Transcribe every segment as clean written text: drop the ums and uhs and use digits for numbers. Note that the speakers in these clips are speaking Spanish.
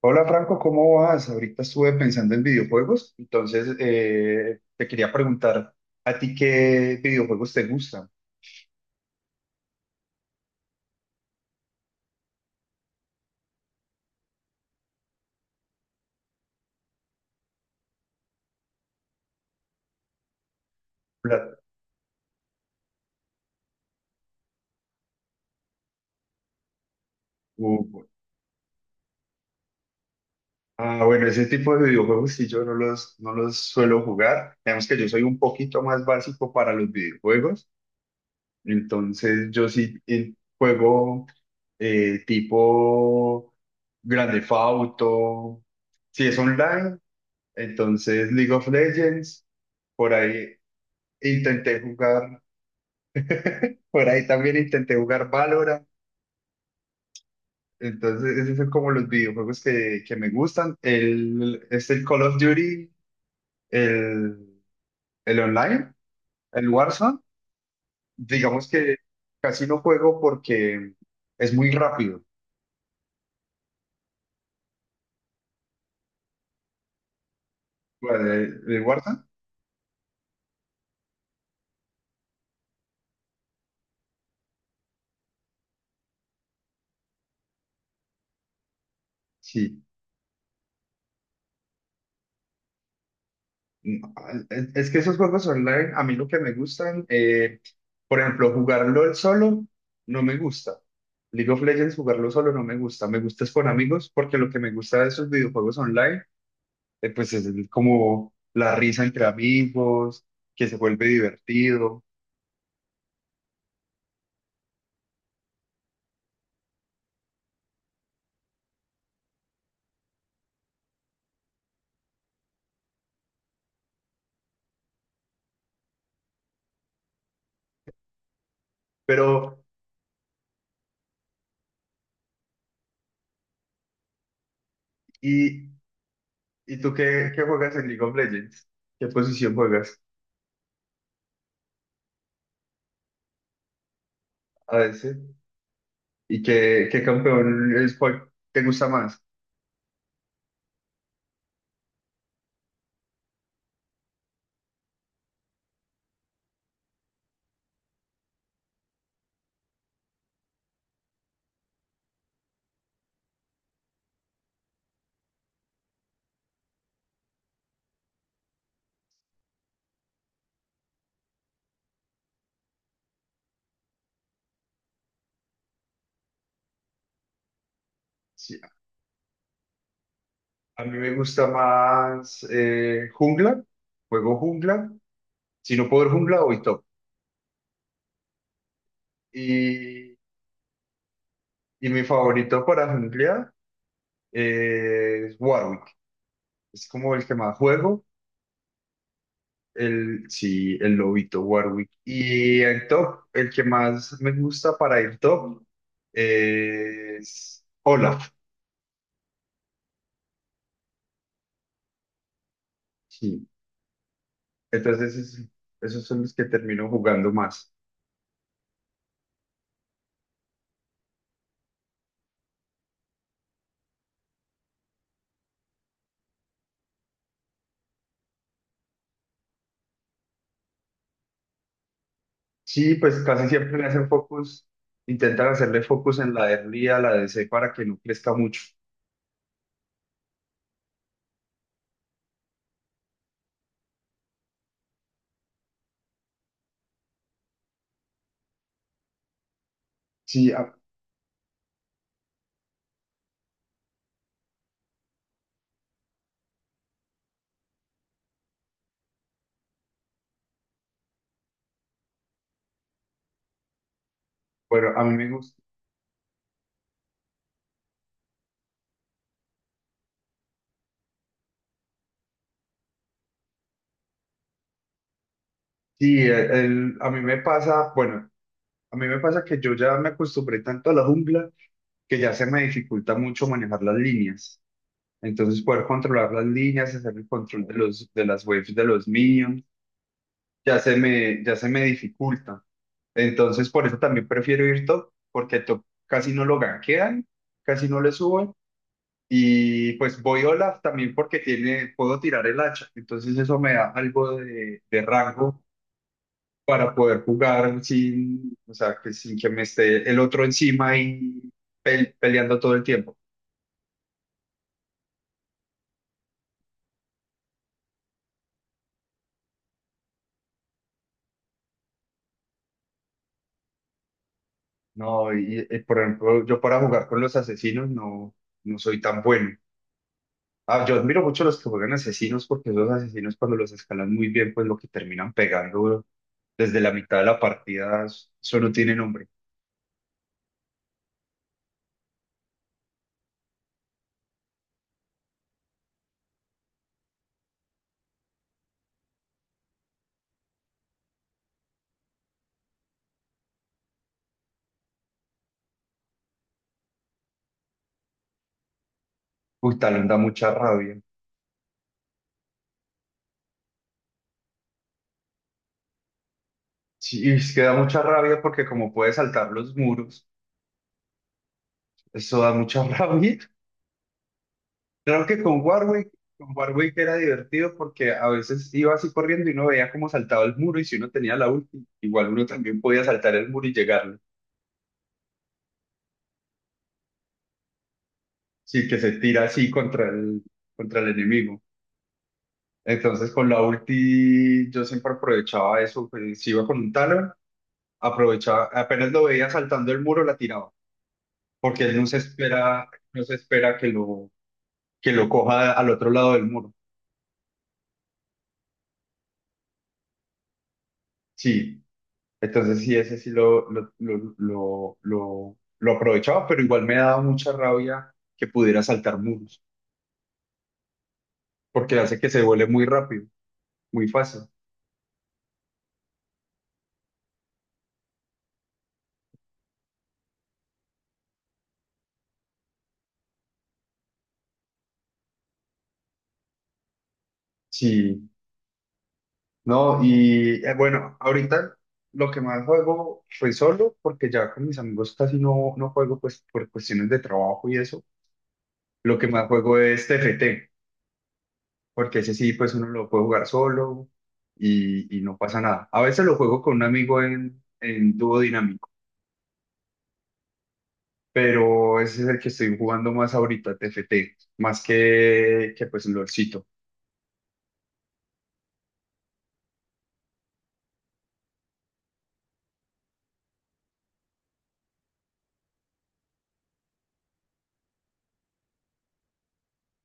Hola Franco, ¿cómo vas? Ahorita estuve pensando en videojuegos, entonces te quería preguntar, ¿a ti qué videojuegos te gustan? Pla- u- Ah, bueno, ese tipo de videojuegos sí yo no los suelo jugar. Digamos que yo soy un poquito más básico para los videojuegos, entonces yo sí juego tipo Grand Theft Auto, si es online, entonces League of Legends, por ahí intenté jugar. Por ahí también intenté jugar Valorant. Entonces, esos son como los videojuegos que me gustan. Es el Call of Duty, el, el online, el Warzone. Digamos que casi no juego porque es muy rápido. Bueno, el Warzone, sí. No, Es que esos juegos online, a mí lo que me gustan, por ejemplo, jugarlo el solo, no me gusta. League of Legends, jugarlo solo, no me gusta. Me gusta es con amigos, porque lo que me gusta de esos videojuegos online, pues es como la risa entre amigos, que se vuelve divertido. Pero, ¿y, ¿y tú qué juegas en League of Legends? ¿Qué posición juegas a veces? ¿Y qué campeón es, cuál te gusta más? Sí, a mí me gusta más jungla, juego jungla. Si no puedo ir jungla, voy top. Y, y mi favorito para jungla es Warwick. Es como el que más juego. El, sí, el lobito Warwick. Y en top, el que más me gusta para ir top es Olaf. Sí. Entonces, esos son los que termino jugando más. Sí, pues casi siempre le hacen focus, intentan hacerle focus en la de RI a la DC para que no crezca mucho. Sí, bueno, a mí me gusta. Sí, a mí me pasa, bueno, a mí me pasa que yo ya me acostumbré tanto a la jungla que ya se me dificulta mucho manejar las líneas. Entonces, poder controlar las líneas, hacer el control de de las waves de los minions, ya se me dificulta. Entonces, por eso también prefiero ir top, porque top casi no lo gankean, casi no le suben. Y pues voy Olaf también porque tiene, puedo tirar el hacha, entonces eso me da algo de rango para poder jugar sin, o sea, que sin que me esté el otro encima y peleando todo el tiempo. No, por ejemplo, yo para jugar con los asesinos no soy tan bueno. Ah, yo admiro mucho a los que juegan asesinos porque esos asesinos cuando los escalan muy bien, pues lo que terminan pegando desde la mitad de la partida, eso no tiene nombre. Uy, talón da mucha rabia. Sí, es que da mucha rabia porque como puede saltar los muros, eso da mucha rabia. Claro que con Warwick era divertido porque a veces iba así corriendo y uno veía cómo saltaba el muro y si uno tenía la ulti, igual uno también podía saltar el muro y llegarle. Sí, que se tira así contra contra el enemigo. Entonces con la ulti yo siempre aprovechaba eso, pues, si iba con un Talon, aprovechaba, apenas lo veía saltando el muro, la tiraba, porque él no se espera, no se espera que lo coja al otro lado del muro. Sí, entonces sí, ese sí lo aprovechaba, pero igual me daba mucha rabia que pudiera saltar muros, porque hace que se vuele muy rápido, muy fácil. Sí, no, y bueno, ahorita lo que más juego fue solo, porque ya con mis amigos casi no juego, pues por cuestiones de trabajo y eso. Lo que más juego es TFT, porque ese sí, pues uno lo puede jugar solo y no pasa nada. A veces lo juego con un amigo en dúo dinámico, pero ese es el que estoy jugando más ahorita, TFT, más que pues LOLcito.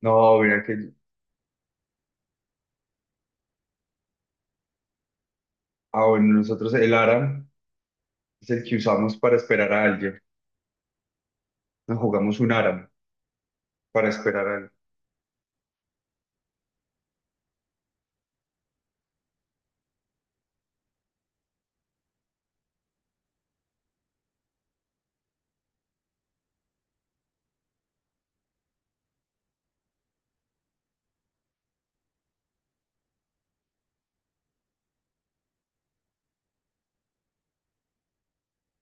No, mira que, ah, bueno, nosotros el ARAM es el que usamos para esperar a alguien. Nos jugamos un ARAM para esperar a.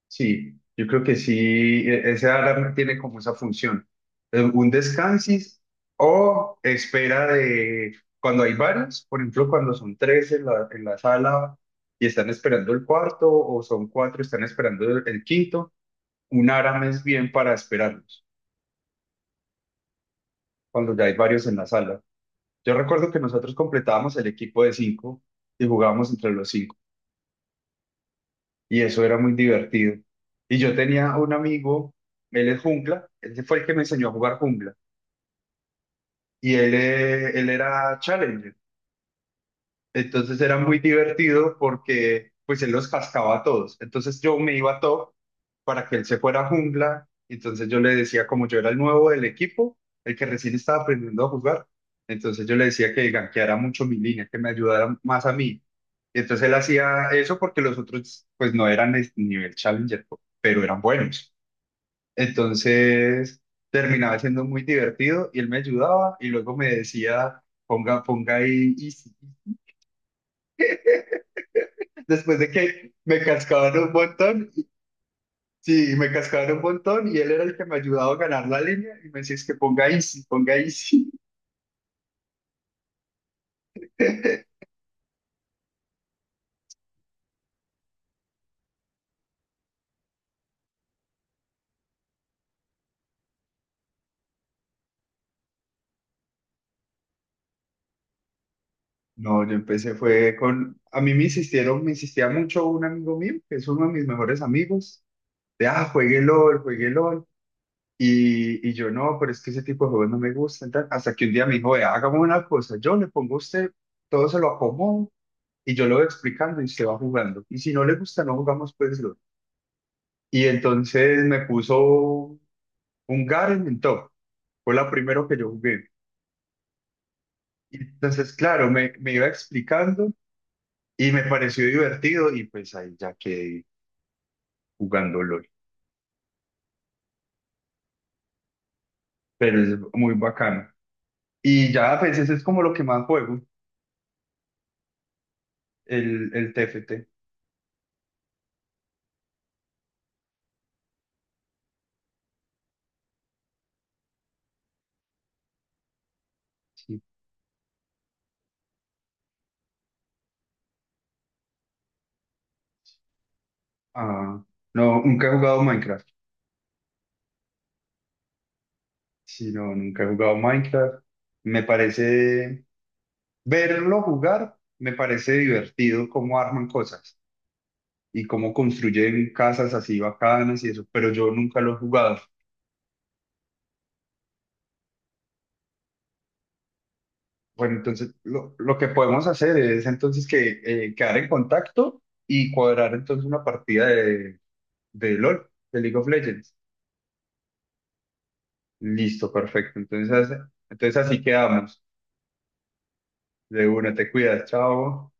Sí, yo creo que sí, ese alarma tiene como esa función, un descansis o espera de cuando hay varios, por ejemplo, cuando son tres en la sala y están esperando el cuarto o son cuatro y están esperando el quinto, un alarma es bien para esperarlos, cuando ya hay varios en la sala. Yo recuerdo que nosotros completábamos el equipo de cinco y jugábamos entre los cinco, y eso era muy divertido. Y yo tenía un amigo, él es jungla, él fue el que me enseñó a jugar jungla, y él, él era challenger, entonces era muy divertido porque pues él los cascaba a todos. Entonces yo me iba a top para que él se fuera a jungla. Entonces yo le decía, como yo era el nuevo del equipo, el que recién estaba aprendiendo a jugar, entonces yo le decía que gankeara mucho mi línea, que me ayudara más a mí. Y entonces él hacía eso porque los otros pues no eran nivel challenger, pero eran buenos. Entonces terminaba siendo muy divertido y él me ayudaba y luego me decía, ponga ahí easy. Después de que me cascaban un montón, sí, me cascaban un montón y él era el que me ayudaba a ganar la línea y me decía, es que ponga easy, ponga easy. No, yo empecé fue con, a mí me insistieron, me insistía mucho un amigo mío, que es uno de mis mejores amigos, de, ah, juegue LOL, juegue LOL. Y yo no, pero es que ese tipo de juegos no me gustan, tal. Hasta que un día me dijo, vea, hagamos una cosa, yo le pongo a usted, todo se lo acomodo y yo lo voy explicando y se va jugando. Y si no le gusta, no jugamos pues LOL. Y entonces me puso un Garen en top. Fue la primero que yo jugué. Y entonces, claro, me iba explicando y me pareció divertido y pues ahí ya quedé jugando LOL. Pero es muy bacano. Y ya, pues ese es como lo que más juego, el TFT. Sí. Ah, no, nunca he jugado Minecraft. Sí, no, nunca he jugado Minecraft. Me parece, verlo jugar, me parece divertido cómo arman cosas, y cómo construyen casas así bacanas y eso, pero yo nunca lo he jugado. Bueno, entonces lo que podemos hacer es entonces que quedar en contacto y cuadrar entonces una partida de LOL, de League of Legends. Listo, perfecto. Entonces, entonces así quedamos. De una, te cuidas, chao.